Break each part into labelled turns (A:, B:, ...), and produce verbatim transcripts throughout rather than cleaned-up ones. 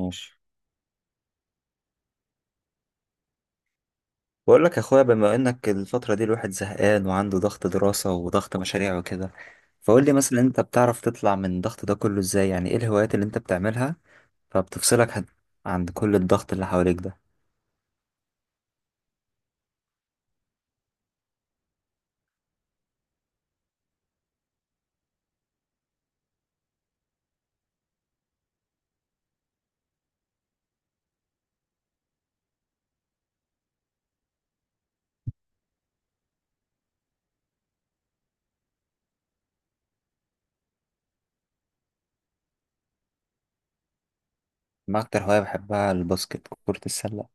A: ماشي. بقول لك يا اخويا، بما انك الفترة دي الواحد زهقان وعنده ضغط دراسة وضغط مشاريع وكده، فقول لي مثلا انت بتعرف تطلع من الضغط ده كله ازاي، يعني ايه الهوايات اللي انت بتعملها فبتفصلك هد- عن كل الضغط اللي حواليك ده؟ انا اكتر هواية بحبها الباسكت، كرة السلة.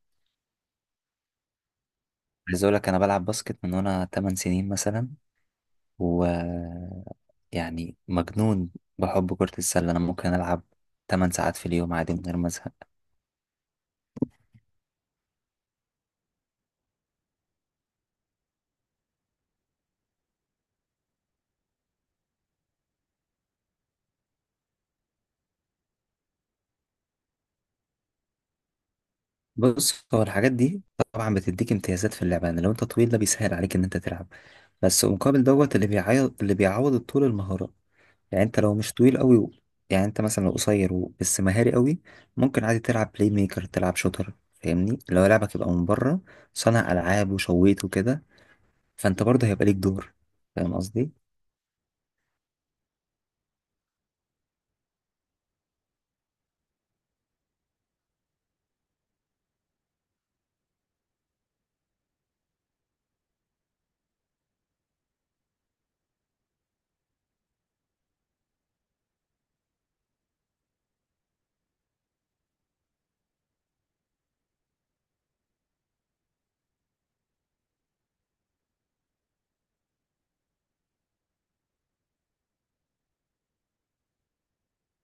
A: عايز اقول لك انا بلعب باسكت من وانا 8 سنين مثلا، و يعني مجنون بحب كرة السلة. انا ممكن العب 8 ساعات في اليوم عادي من غير ما ازهق. بص، هو الحاجات دي طبعا بتديك امتيازات في اللعبة، يعني لو انت طويل ده بيسهل عليك ان انت تلعب. بس مقابل دوت اللي بيعوض اللي بيعوض الطول المهارة. يعني انت لو مش طويل قوي، و... يعني انت مثلا لو قصير، و... بس مهاري قوي ممكن عادي تلعب بلاي ميكر، تلعب شوتر. فاهمني، لو لعبك يبقى من بره صانع العاب وشويت وكده، فانت برضه هيبقى ليك دور. فاهم قصدي؟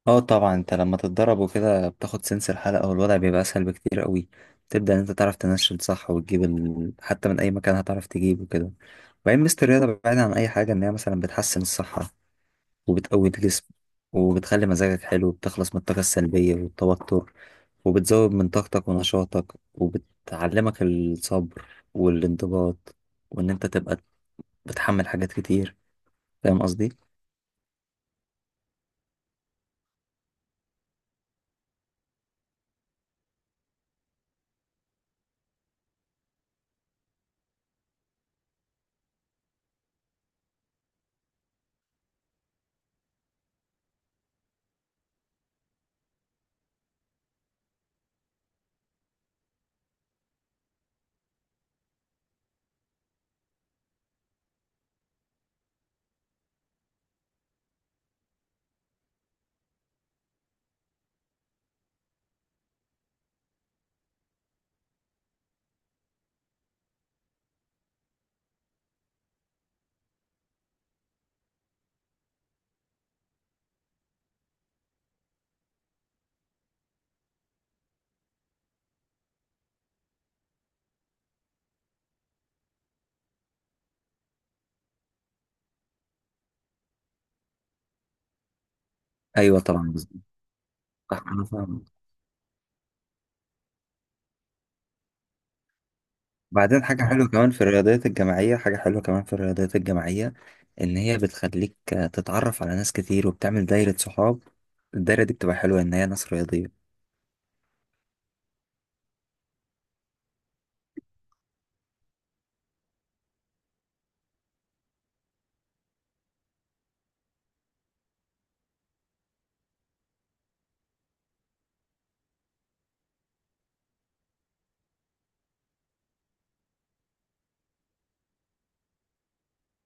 A: اه طبعا، انت لما تتدرب وكده بتاخد سنس الحلقة والوضع بيبقى اسهل بكتير قوي. تبدأ ان انت تعرف تنشل صح، وتجيب ال... حتى من اي مكان هتعرف تجيب وكده. وبعدين ميزة الرياضة بعيدا عن اي حاجة ان هي مثلا بتحسن الصحة، وبتقوي الجسم، وبتخلي مزاجك حلو، وبتخلص من الطاقة السلبية والتوتر، وبتزود من طاقتك ونشاطك، وبتعلمك الصبر والانضباط، وان انت تبقى بتحمل حاجات كتير. فاهم قصدي؟ ايوه طبعا بالظبط. أنا فاهم. بعدين حاجة حلوة كمان في الرياضيات الجماعية، حاجة حلوة كمان في الرياضيات الجماعية، إن هي بتخليك آه، تتعرف على ناس كتير وبتعمل دايرة صحاب. الدايرة دي بتبقى حلوة إن هي ناس رياضية.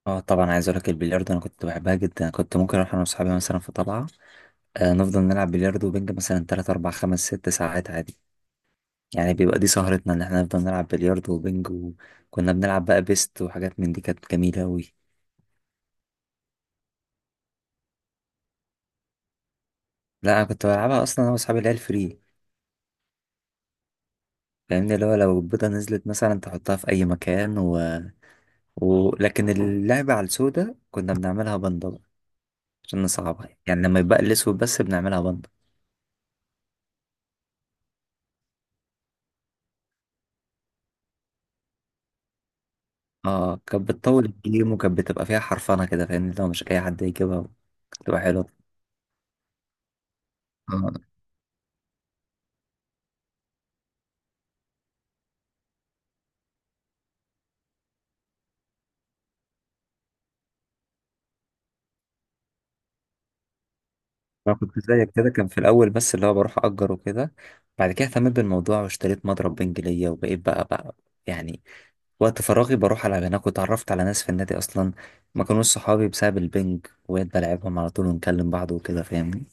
A: اه طبعا، عايز اقولك البلياردو انا كنت بحبها جدا، كنت ممكن اروح انا واصحابي مثلا في طلعه. آه، نفضل نلعب بلياردو وبنج مثلا ثلاثة اربعة خمس ست ساعات عادي. يعني بيبقى دي سهرتنا ان احنا نفضل نلعب بلياردو وبنج، وكنا بنلعب بقى بيست وحاجات من دي، كانت جميله قوي. لا، انا كنت بلعبها اصلا انا واصحابي اللي هي الفري. فاهمني، اللي هو لو البيضه نزلت مثلا تحطها في اي مكان. ولكن اللعبة على السوداء كنا بنعملها بندة بقى، عشان نصعبها، يعني لما يبقى الأسود بس بنعملها بندة. اه، كانت بتطول الجيم وكانت بتبقى فيها حرفنة كده، فاهمني لو مش أي حد يجيبها. بتبقى حلوة، اه. أنا كنت زيك كده، كان في الأول بس اللي هو بروح أجر وكده. بعد كده اهتميت بالموضوع واشتريت مضرب بنج ليا، وبقيت بقى بقى يعني وقت فراغي بروح ألعب هناك. واتعرفت على ناس في النادي أصلا ما كانوش صحابي بسبب البنج، وبقيت بلعبهم على طول ونكلم بعض وكده، فاهمني.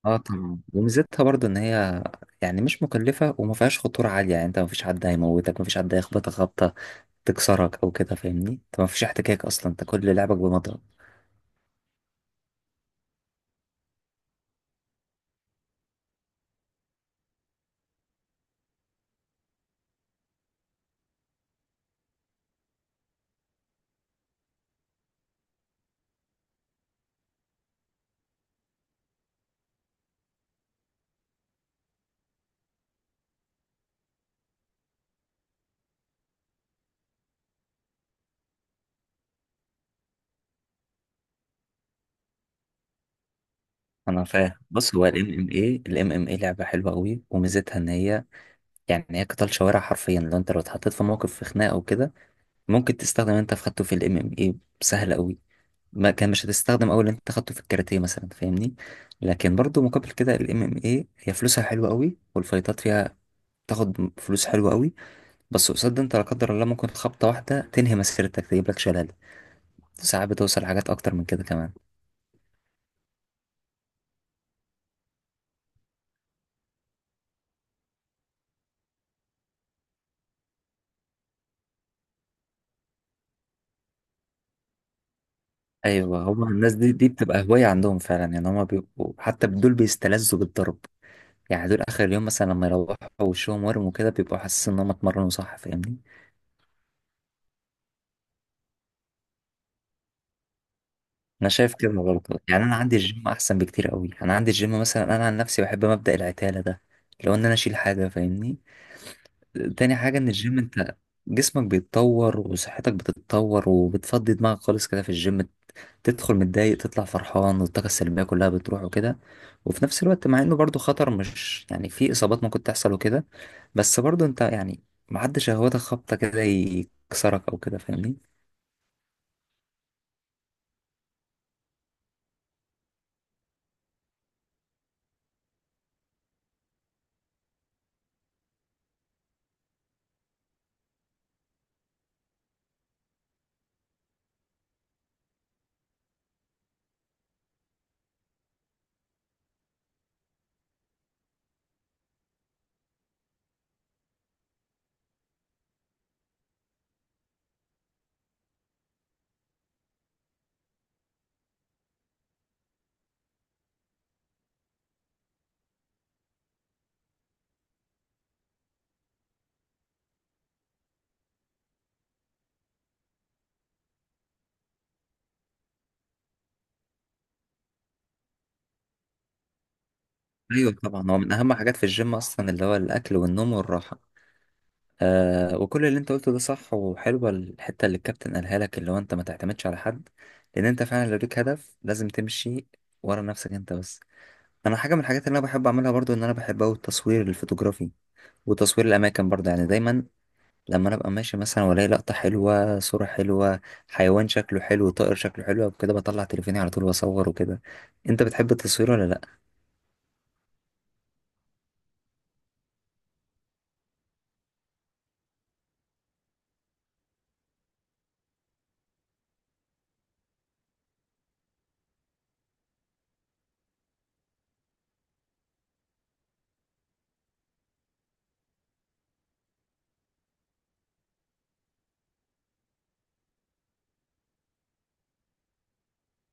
A: اه طبعا، وميزتها برضو ان هي يعني مش مكلفة وما فيهاش خطورة عالية. يعني انت ما فيش حد هيموتك، ما فيش حد هيخبطك خبطة تكسرك او كده، فاهمني، انت ما فيش احتكاك اصلا، انت كل لعبك بمضرب. انا فاهم. بص، هو الام ام اي الام ام اي لعبة حلوة قوي وميزتها ان هي يعني هي قتال شوارع حرفيا. لو انت لو اتحطيت في موقف في خناقة او كده ممكن تستخدم انت في خدته في الام ام اي سهل قوي. ما كان مش هتستخدم اول انت خدته في الكاراتيه مثلا، فاهمني. لكن برضو مقابل كده الام ام اي هي فلوسها حلوه قوي، والفايتات فيها تاخد فلوس حلوة قوي. بس قصاد ده انت لا قدر الله ممكن خبطة واحدة تنهي مسيرتك تجيب لك شلل، ساعات بتوصل حاجات اكتر من كده كمان. ايوه، هو الناس دي دي بتبقى هواية عندهم فعلا. يعني هما بيبقوا حتى دول بيستلذوا بالضرب، يعني دول اخر اليوم مثلا لما يروحوا وشهم ورم وكده بيبقوا حاسين ان هم اتمرنوا صح، فاهمني. انا شايف كده برضه، يعني انا عندي الجيم احسن بكتير قوي، انا عندي الجيم مثلا، انا عن نفسي بحب مبدأ العتالة ده، لو ان انا اشيل حاجة، فاهمني. تاني حاجة ان الجيم انت جسمك بيتطور وصحتك بتتطور وبتفضي دماغك خالص كده في الجيم، تدخل متضايق تطلع فرحان، والطاقة السلبية كلها بتروح وكده. وفي نفس الوقت مع انه برضه خطر، مش يعني في اصابات ممكن تحصل وكده، بس برضه انت يعني محدش هواده خبطة كده يكسرك او كده، فاهمني. ايوه طبعا، هو من اهم حاجات في الجيم اصلا اللي هو الاكل والنوم والراحه. آه، وكل اللي انت قلته ده صح، وحلوه الحته اللي الكابتن قالها لك، اللي هو انت ما تعتمدش على حد. لان انت فعلا لو ليك هدف لازم تمشي ورا نفسك انت بس. انا حاجه من الحاجات اللي انا بحب اعملها برضو ان انا بحب اوي التصوير الفوتوغرافي وتصوير الاماكن برضو. يعني دايما لما انا ابقى ماشي مثلا والاقي لقطه حلوه، صوره حلوه، حيوان شكله حلو، طائر شكله حلو وكده، بطلع تليفوني على طول واصور وكده. انت بتحب التصوير ولا لا؟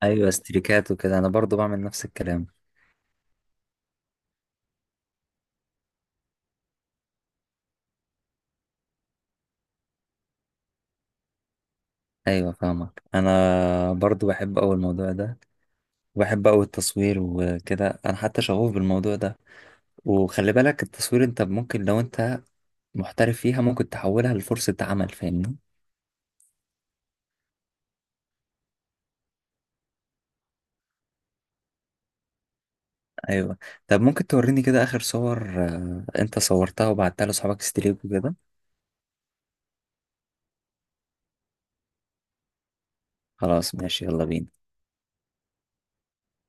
A: ايوه، استريكات وكده، انا برضو بعمل نفس الكلام. ايوه فاهمك، انا برضو بحب اوي الموضوع ده وبحب اوي التصوير وكده، انا حتى شغوف بالموضوع ده. وخلي بالك التصوير انت ممكن لو انت محترف فيها ممكن تحولها لفرصة عمل، فاهمني. ايوه، طب ممكن توريني كده اخر صور آه، انت صورتها وبعتها لاصحابك ستريك وكده؟ خلاص ماشي، يلا بينا.